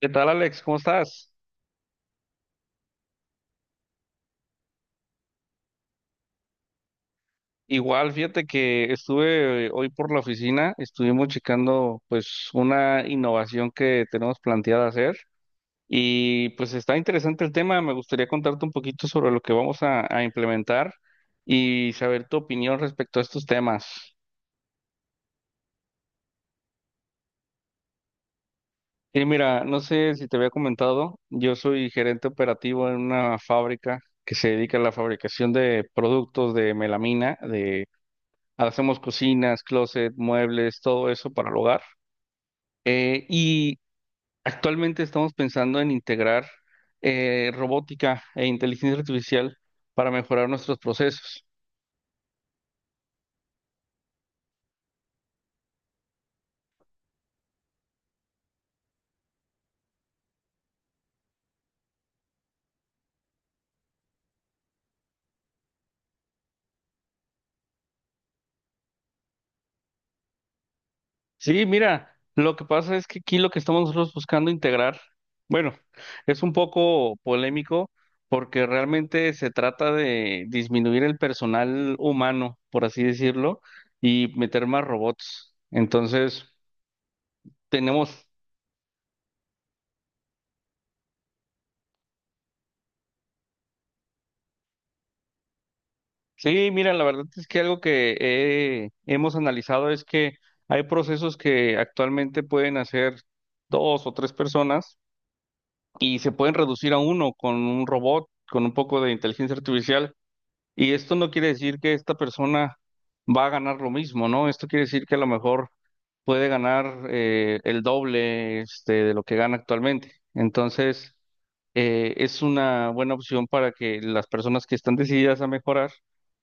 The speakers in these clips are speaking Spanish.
¿Qué tal, Alex? ¿Cómo estás? Igual, fíjate que estuve hoy por la oficina, estuvimos checando pues una innovación que tenemos planteada hacer, y pues está interesante el tema, me gustaría contarte un poquito sobre lo que vamos a implementar y saber tu opinión respecto a estos temas. Y mira, no sé si te había comentado, yo soy gerente operativo en una fábrica que se dedica a la fabricación de productos de melamina. Hacemos cocinas, closet, muebles, todo eso para el hogar. Eh, y Actualmente estamos pensando en integrar robótica e inteligencia artificial para mejorar nuestros procesos. Sí, mira, lo que pasa es que aquí lo que estamos nosotros buscando integrar, bueno, es un poco polémico porque realmente se trata de disminuir el personal humano, por así decirlo, y meter más robots. Entonces, tenemos. Sí, mira, la verdad es que algo que hemos analizado es que hay procesos que actualmente pueden hacer dos o tres personas y se pueden reducir a uno con un robot, con un poco de inteligencia artificial. Y esto no quiere decir que esta persona va a ganar lo mismo, ¿no? Esto quiere decir que a lo mejor puede ganar el doble este, de lo que gana actualmente. Entonces, es una buena opción para que las personas que están decididas a mejorar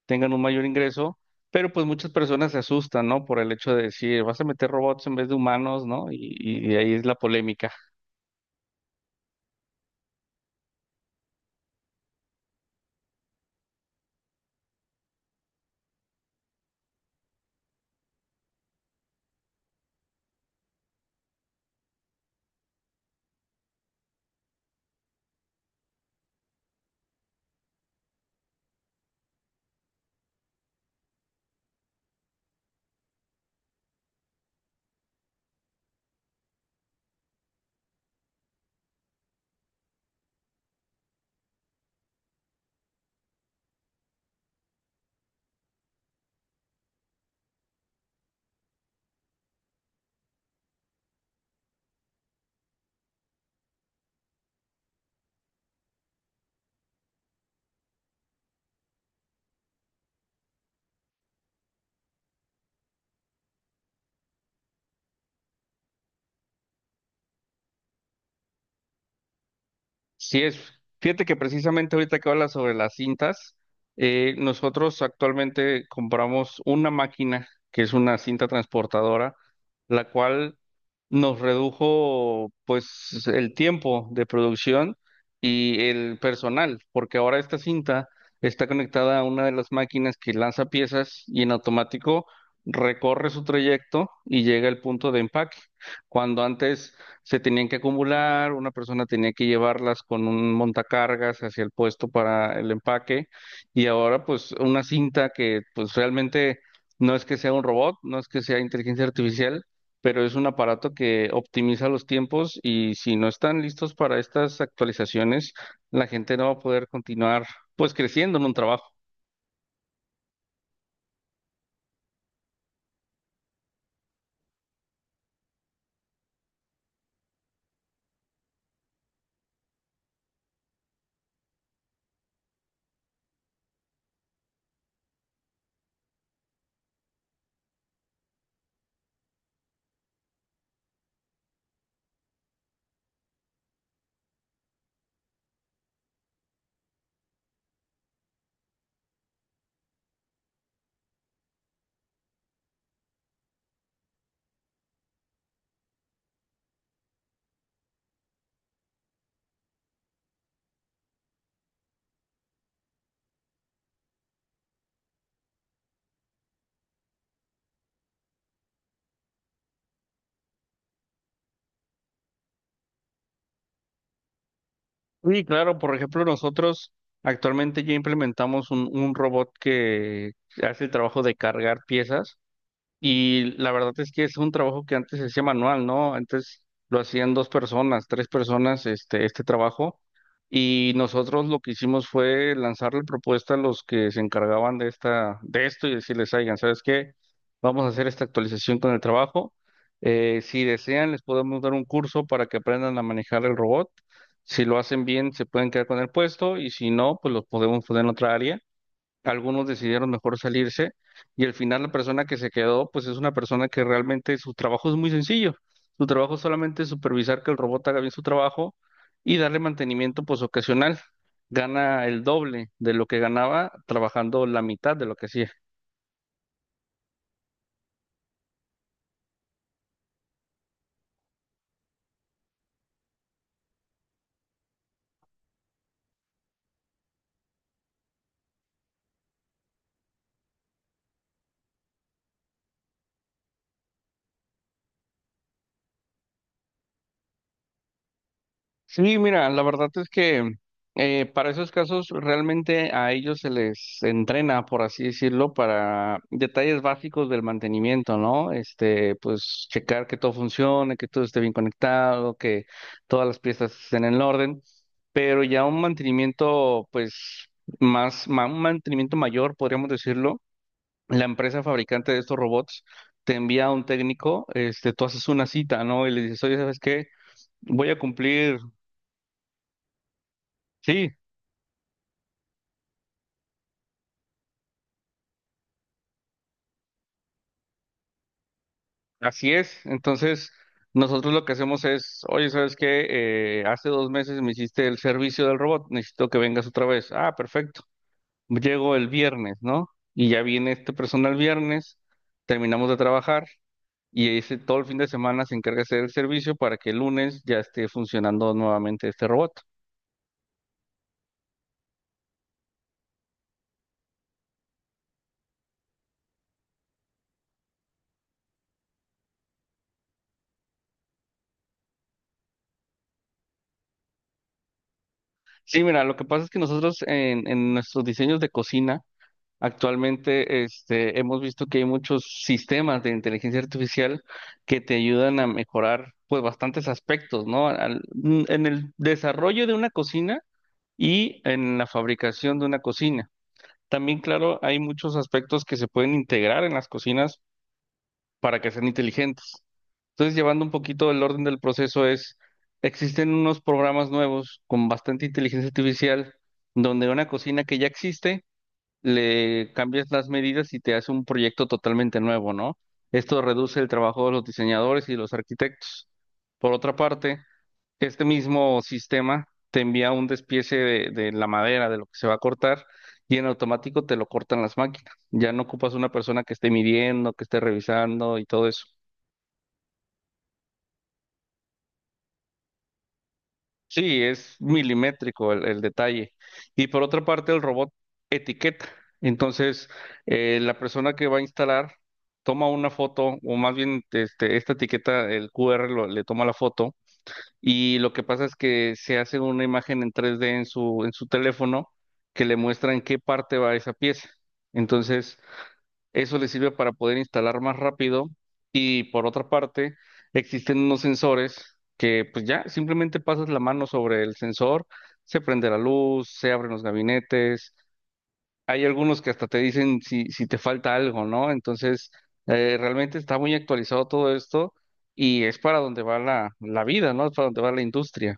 tengan un mayor ingreso, pero pues muchas personas se asustan, ¿no? Por el hecho de decir, vas a meter robots en vez de humanos, ¿no? Y ahí es la polémica. Sí es, fíjate que precisamente ahorita que hablas sobre las cintas, nosotros actualmente compramos una máquina que es una cinta transportadora, la cual nos redujo pues el tiempo de producción y el personal, porque ahora esta cinta está conectada a una de las máquinas que lanza piezas y en automático recorre su trayecto y llega al punto de empaque. Cuando antes se tenían que acumular, una persona tenía que llevarlas con un montacargas hacia el puesto para el empaque, y ahora pues una cinta que pues realmente no es que sea un robot, no es que sea inteligencia artificial, pero es un aparato que optimiza los tiempos, y si no están listos para estas actualizaciones, la gente no va a poder continuar pues creciendo en un trabajo. Sí claro, por ejemplo, nosotros actualmente ya implementamos un robot que hace el trabajo de cargar piezas. Y la verdad es que es un trabajo que antes se hacía manual, ¿no? Antes lo hacían dos personas, tres personas, este trabajo. Y nosotros lo que hicimos fue lanzarle propuesta a los que se encargaban de esta, de esto y decirles, oigan, ¿sabes qué? Vamos a hacer esta actualización con el trabajo. Si desean, les podemos dar un curso para que aprendan a manejar el robot. Si lo hacen bien, se pueden quedar con el puesto y si no, pues los podemos poner en otra área. Algunos decidieron mejor salirse, y al final la persona que se quedó, pues es una persona que realmente su trabajo es muy sencillo. Su trabajo solamente es supervisar que el robot haga bien su trabajo y darle mantenimiento pues ocasional. Gana el doble de lo que ganaba trabajando la mitad de lo que hacía. Sí, mira, la verdad es que para esos casos realmente a ellos se les entrena, por así decirlo, para detalles básicos del mantenimiento, ¿no? Este, pues checar que todo funcione, que todo esté bien conectado, que todas las piezas estén en orden, pero ya un mantenimiento, pues un mantenimiento mayor, podríamos decirlo, la empresa fabricante de estos robots te envía a un técnico, este, tú haces una cita, ¿no? Y le dices, oye, ¿sabes qué? Voy a cumplir. Sí, así es. Entonces, nosotros lo que hacemos es, oye, ¿sabes qué? Hace dos meses me hiciste el servicio del robot, necesito que vengas otra vez. Ah, perfecto. Llego el viernes, ¿no? Y ya viene esta persona el viernes, terminamos de trabajar y ese, todo el fin de semana se encarga de hacer el servicio para que el lunes ya esté funcionando nuevamente este robot. Sí, mira, lo que pasa es que nosotros en nuestros diseños de cocina, actualmente, este, hemos visto que hay muchos sistemas de inteligencia artificial que te ayudan a mejorar, pues, bastantes aspectos, ¿no? En el desarrollo de una cocina y en la fabricación de una cocina. También, claro, hay muchos aspectos que se pueden integrar en las cocinas para que sean inteligentes. Entonces, llevando un poquito el orden del proceso es, existen unos programas nuevos con bastante inteligencia artificial donde una cocina que ya existe le cambias las medidas y te hace un proyecto totalmente nuevo, ¿no? Esto reduce el trabajo de los diseñadores y los arquitectos. Por otra parte, este mismo sistema te envía un despiece de la madera, de lo que se va a cortar, y en automático te lo cortan las máquinas. Ya no ocupas una persona que esté midiendo, que esté revisando y todo eso. Sí, es milimétrico el detalle. Y por otra parte, el robot etiqueta. Entonces, la persona que va a instalar toma una foto, o más bien este, esta etiqueta, el QR le toma la foto, y lo que pasa es que se hace una imagen en 3D en su teléfono que le muestra en qué parte va esa pieza. Entonces, eso le sirve para poder instalar más rápido, y por otra parte existen unos sensores que pues ya simplemente pasas la mano sobre el sensor, se prende la luz, se abren los gabinetes, hay algunos que hasta te dicen si, si te falta algo, ¿no? Entonces, realmente está muy actualizado todo esto, y es para donde va la, la vida, ¿no? Es para donde va la industria.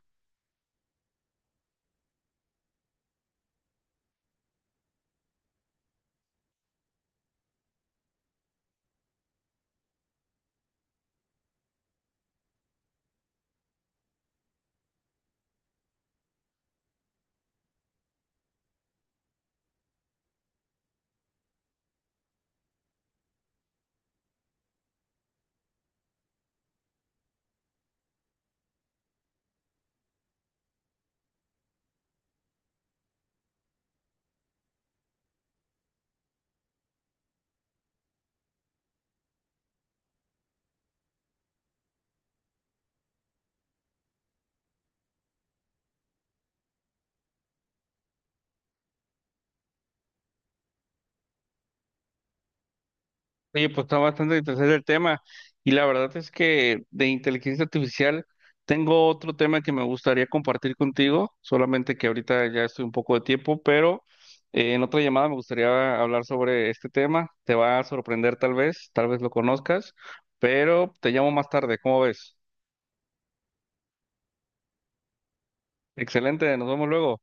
Oye, pues está bastante interesante el tema. Y la verdad es que de inteligencia artificial tengo otro tema que me gustaría compartir contigo, solamente que ahorita ya estoy un poco de tiempo, pero en otra llamada me gustaría hablar sobre este tema. Te va a sorprender, tal vez lo conozcas, pero te llamo más tarde, ¿cómo ves? Excelente, nos vemos luego.